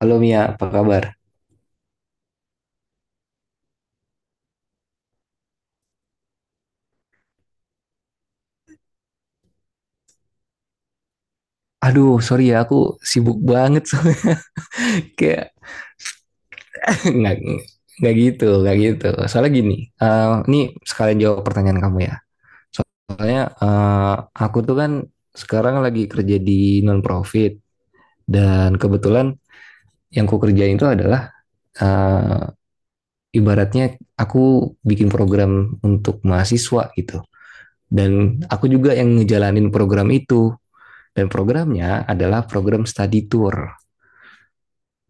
Halo Mia, apa kabar? Aduh, sorry ya, aku sibuk banget soalnya. Kayak nggak nggak gitu. Soalnya gini, ini sekalian jawab pertanyaan kamu ya. Soalnya aku tuh kan sekarang lagi kerja di non profit, dan kebetulan yang ku kerjain itu adalah eh ibaratnya aku bikin program untuk mahasiswa gitu. Dan aku juga yang ngejalanin program itu. Dan programnya adalah program study tour.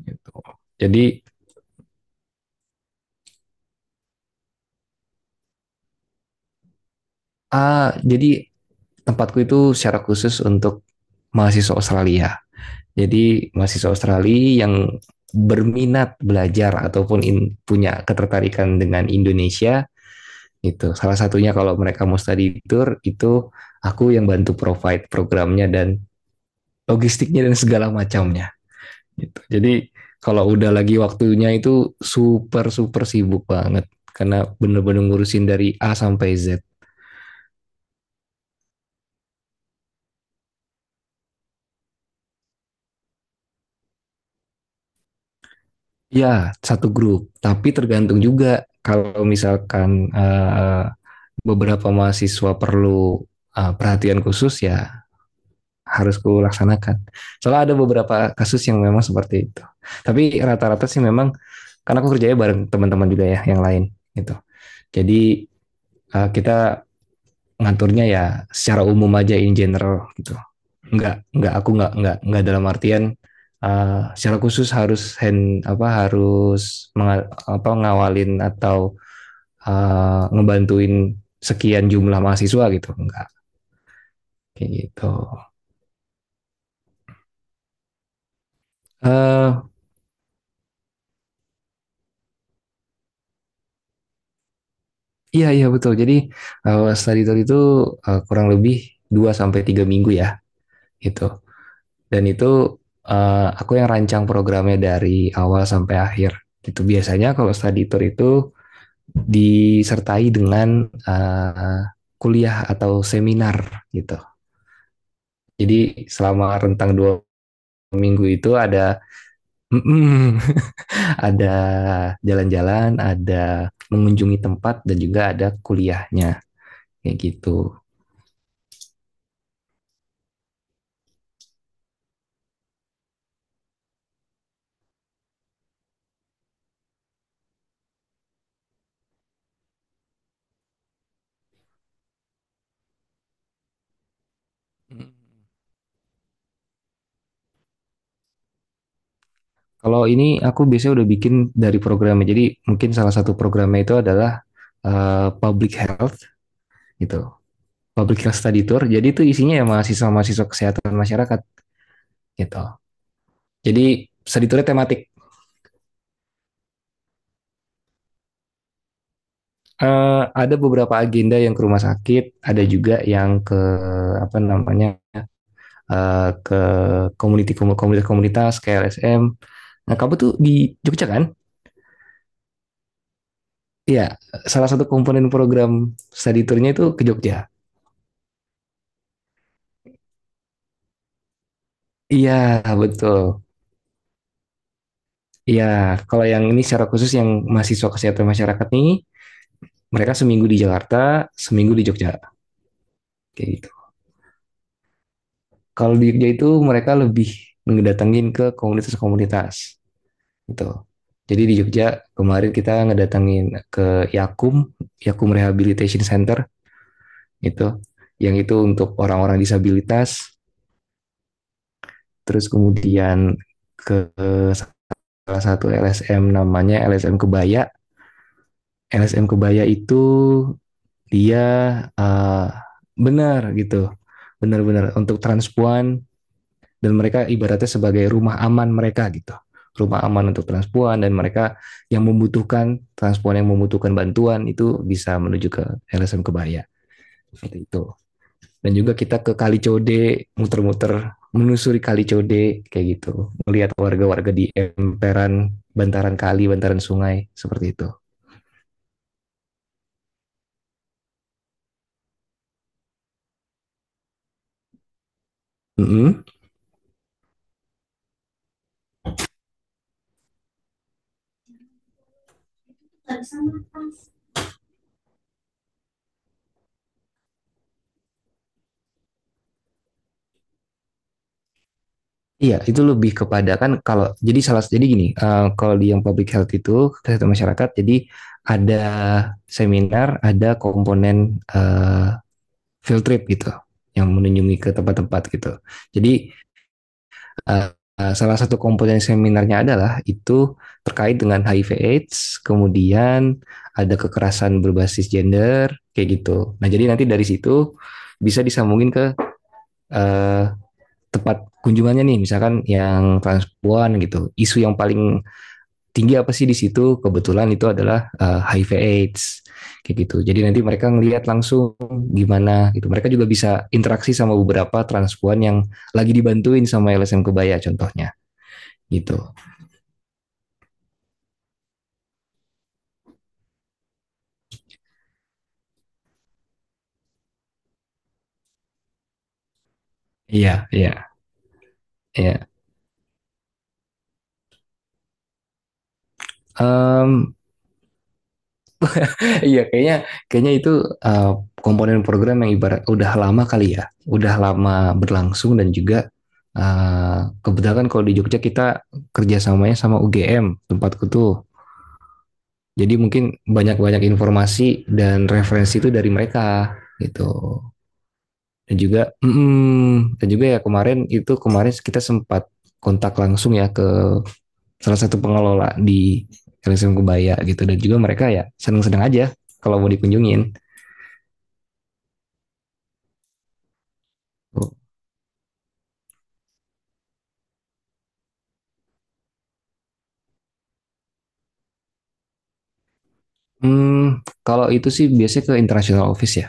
Gitu. Jadi, jadi tempatku itu secara khusus untuk mahasiswa Australia. Jadi mahasiswa Australia yang berminat belajar ataupun punya ketertarikan dengan Indonesia, itu salah satunya kalau mereka mau study tour itu aku yang bantu provide programnya dan logistiknya dan segala macamnya gitu. Jadi kalau udah lagi waktunya itu super super sibuk banget karena bener-bener ngurusin dari A sampai Z. Ya, satu grup. Tapi tergantung juga kalau misalkan eh, beberapa mahasiswa perlu perhatian khusus ya harus kulaksanakan. Soalnya ada beberapa kasus yang memang seperti itu. Tapi rata-rata sih memang karena aku kerjanya bareng teman-teman juga ya yang lain gitu. Jadi kita ngaturnya ya secara umum aja in general gitu. Enggak, aku enggak dalam artian eh, secara khusus harus hand apa harus menga- apa ngawalin atau ngebantuin sekian jumlah mahasiswa gitu. Enggak kayak gitu. Eh iya iya betul. Jadi study tour itu kurang lebih 2 sampai 3 minggu ya gitu. Dan itu aku yang rancang programnya dari awal sampai akhir. Itu biasanya kalau study tour itu disertai dengan kuliah atau seminar gitu. Jadi selama rentang 2 minggu itu ada mm, mm, ada jalan-jalan, ada mengunjungi tempat dan juga ada kuliahnya kayak gitu. Kalau ini aku biasanya udah bikin dari programnya. Jadi mungkin salah satu programnya itu adalah public health gitu. Public health study tour. Jadi itu isinya ya mahasiswa-mahasiswa kesehatan masyarakat gitu. Jadi study tournya tematik. Eh, ada beberapa agenda yang ke rumah sakit, ada juga yang ke apa namanya, ke komunitas-komunitas kayak LSM. Nah, kamu tuh di Jogja kan? Iya, salah satu komponen program study tour-nya itu ke Jogja. Iya, betul. Iya, kalau yang ini secara khusus yang mahasiswa kesehatan masyarakat nih, mereka seminggu di Jakarta, seminggu di Jogja, kayak gitu. Kalau di Jogja itu mereka lebih mendatangin ke komunitas-komunitas. Gitu. Jadi di Jogja kemarin kita ngedatangin ke Yakum, Yakum Rehabilitation Center itu, yang itu untuk orang-orang disabilitas. Terus kemudian ke salah satu LSM namanya LSM Kebaya. LSM Kebaya itu dia uh, benar gitu, benar-benar untuk transpuan, dan mereka ibaratnya sebagai rumah aman mereka gitu, rumah aman untuk transpuan, dan mereka yang membutuhkan transpuan yang membutuhkan bantuan itu bisa menuju ke LSM Kebaya, seperti itu. Dan juga kita ke Kali Code muter-muter menusuri Kali Code kayak gitu, melihat warga-warga di emperan bantaran sungai seperti itu. Mm -hmm. Iya, itu lebih kepada kan kalau jadi salah jadi gini, eh, kalau di yang public health itu kesehatan masyarakat, jadi ada seminar, ada komponen eh, field trip gitu, yang menunjungi ke tempat-tempat gitu. Jadi eh, salah satu komponen seminarnya adalah itu terkait dengan HIV/AIDS, kemudian ada kekerasan berbasis gender kayak gitu. Nah, jadi nanti dari situ bisa disambungin ke eh, tempat kunjungannya nih, misalkan yang transpuan gitu, isu yang paling tinggi apa sih di situ, kebetulan itu adalah HIV AIDS kayak gitu. Jadi nanti mereka ngelihat langsung gimana gitu, mereka juga bisa interaksi sama beberapa transpuan yang lagi dibantuin sama LSM Kebaya contohnya gitu. Iya iya iya. Em, Iya, kayaknya kayaknya itu uh, komponen program yang ibarat udah lama kali ya, udah lama berlangsung, dan juga kebetulan kalau di Jogja kita kerjasamanya sama UGM tempatku tuh. Jadi mungkin banyak-banyak informasi dan referensi itu dari mereka gitu. Dan juga, dan juga ya kemarin itu, kemarin kita sempat kontak langsung ya ke salah satu pengelola di LSM Kebaya gitu, dan juga mereka ya seneng-seneng aja kalau mau dikunjungin. Hmm, kalau itu sih biasanya ke international office ya,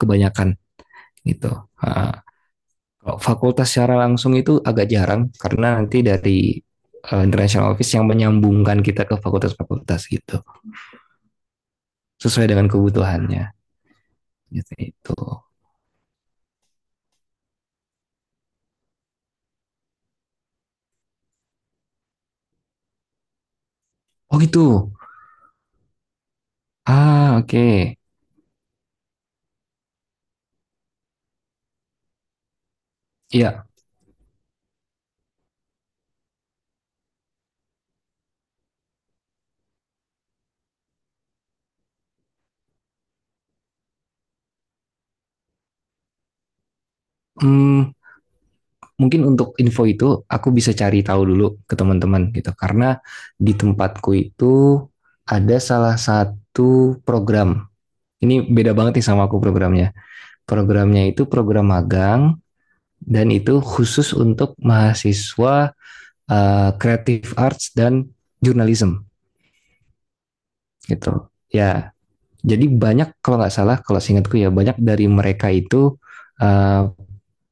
kebanyakan gitu. Ah, kalau fakultas secara langsung itu agak jarang karena nanti dari international office yang menyambungkan kita ke fakultas-fakultas gitu, sesuai dengan kebutuhannya gitu. Itu. Oh gitu. Ah, oke. Okay. Ya, hmm, mungkin untuk info itu aku bisa cari tahu dulu ke teman-teman gitu karena di tempatku itu ada salah satu program. Ini beda banget nih sama aku programnya. Programnya itu program magang, dan itu khusus untuk mahasiswa creative arts dan jurnalism gitu. Ya, jadi banyak kalau nggak salah, kalau seingatku ya, banyak dari mereka itu eh,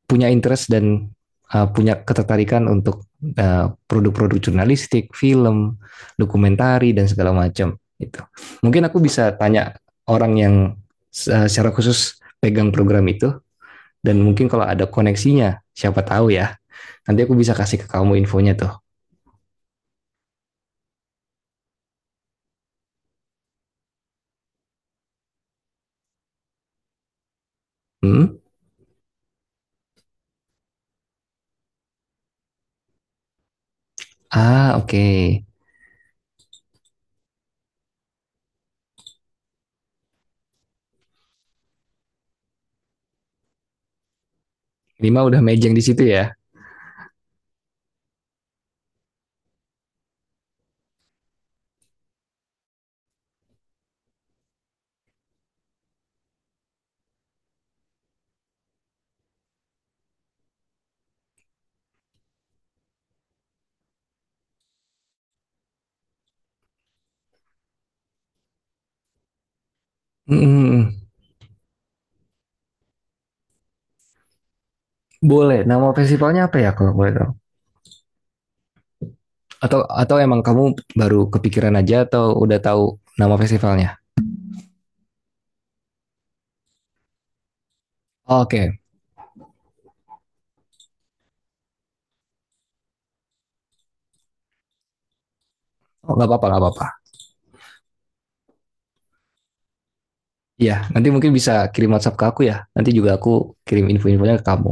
punya interest dan punya ketertarikan untuk produk-produk jurnalistik, film, dokumentari dan segala macam gitu. Mungkin aku bisa tanya orang yang secara khusus pegang program itu. Dan mungkin kalau ada koneksinya, siapa tahu ya. Nanti aku bisa kasih ke kamu infonya tuh. Hmm? Ah, oke. Okay. Ini mah udah mejeng di situ ya. Hmm, hmm, hmm. Boleh. Nama festivalnya apa ya kalau boleh tahu? Atau emang kamu baru kepikiran aja atau udah tahu nama festivalnya? Oh, oke. Okay. Oh, nggak apa-apa, nggak apa-apa. Iya, nanti mungkin bisa kirim WhatsApp ke aku ya. Nanti juga aku kirim info-infonya ke kamu.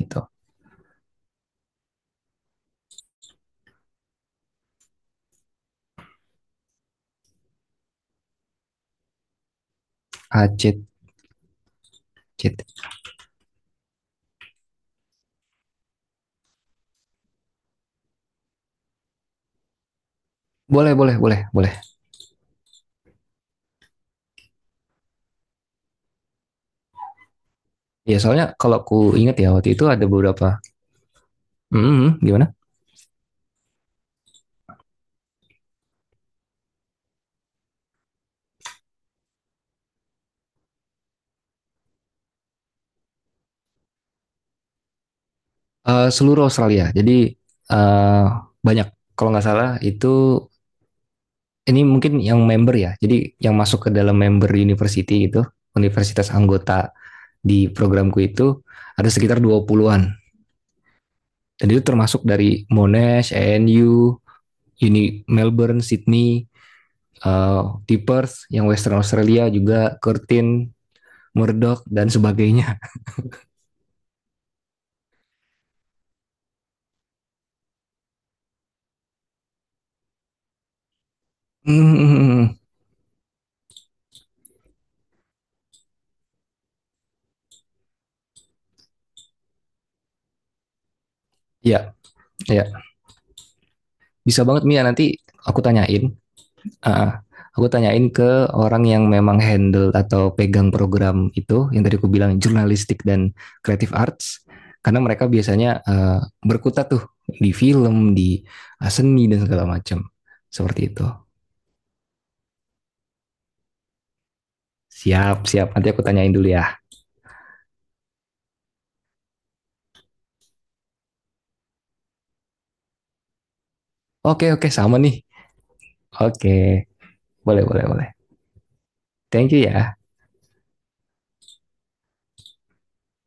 Gitu. Acit, cit. Boleh, boleh, boleh, boleh. Ya, soalnya kalau aku ingat ya waktu itu ada beberapa. Hmm, hmm, gimana? Eh, seluruh Australia. Jadi eh, banyak kalau nggak salah itu, ini mungkin yang member ya. Jadi yang masuk ke dalam member university itu, universitas anggota di programku itu ada sekitar 20-an. Dan itu termasuk dari Monash, ANU, Uni Melbourne, Sydney, di Perth, yang Western Australia juga Curtin, Murdoch dan sebagainya. Hmm, ya, ya. Bisa banget Mia, nanti aku tanyain. Ah, aku tanyain ke orang yang memang handle atau pegang program itu, yang tadi aku bilang jurnalistik dan creative arts, karena mereka biasanya berkutat tuh di film, di seni dan segala macam. Seperti itu. Siap, siap. Nanti aku tanyain dulu ya. Oke, oke, sama nih. Oke, boleh, boleh, boleh. Thank you ya.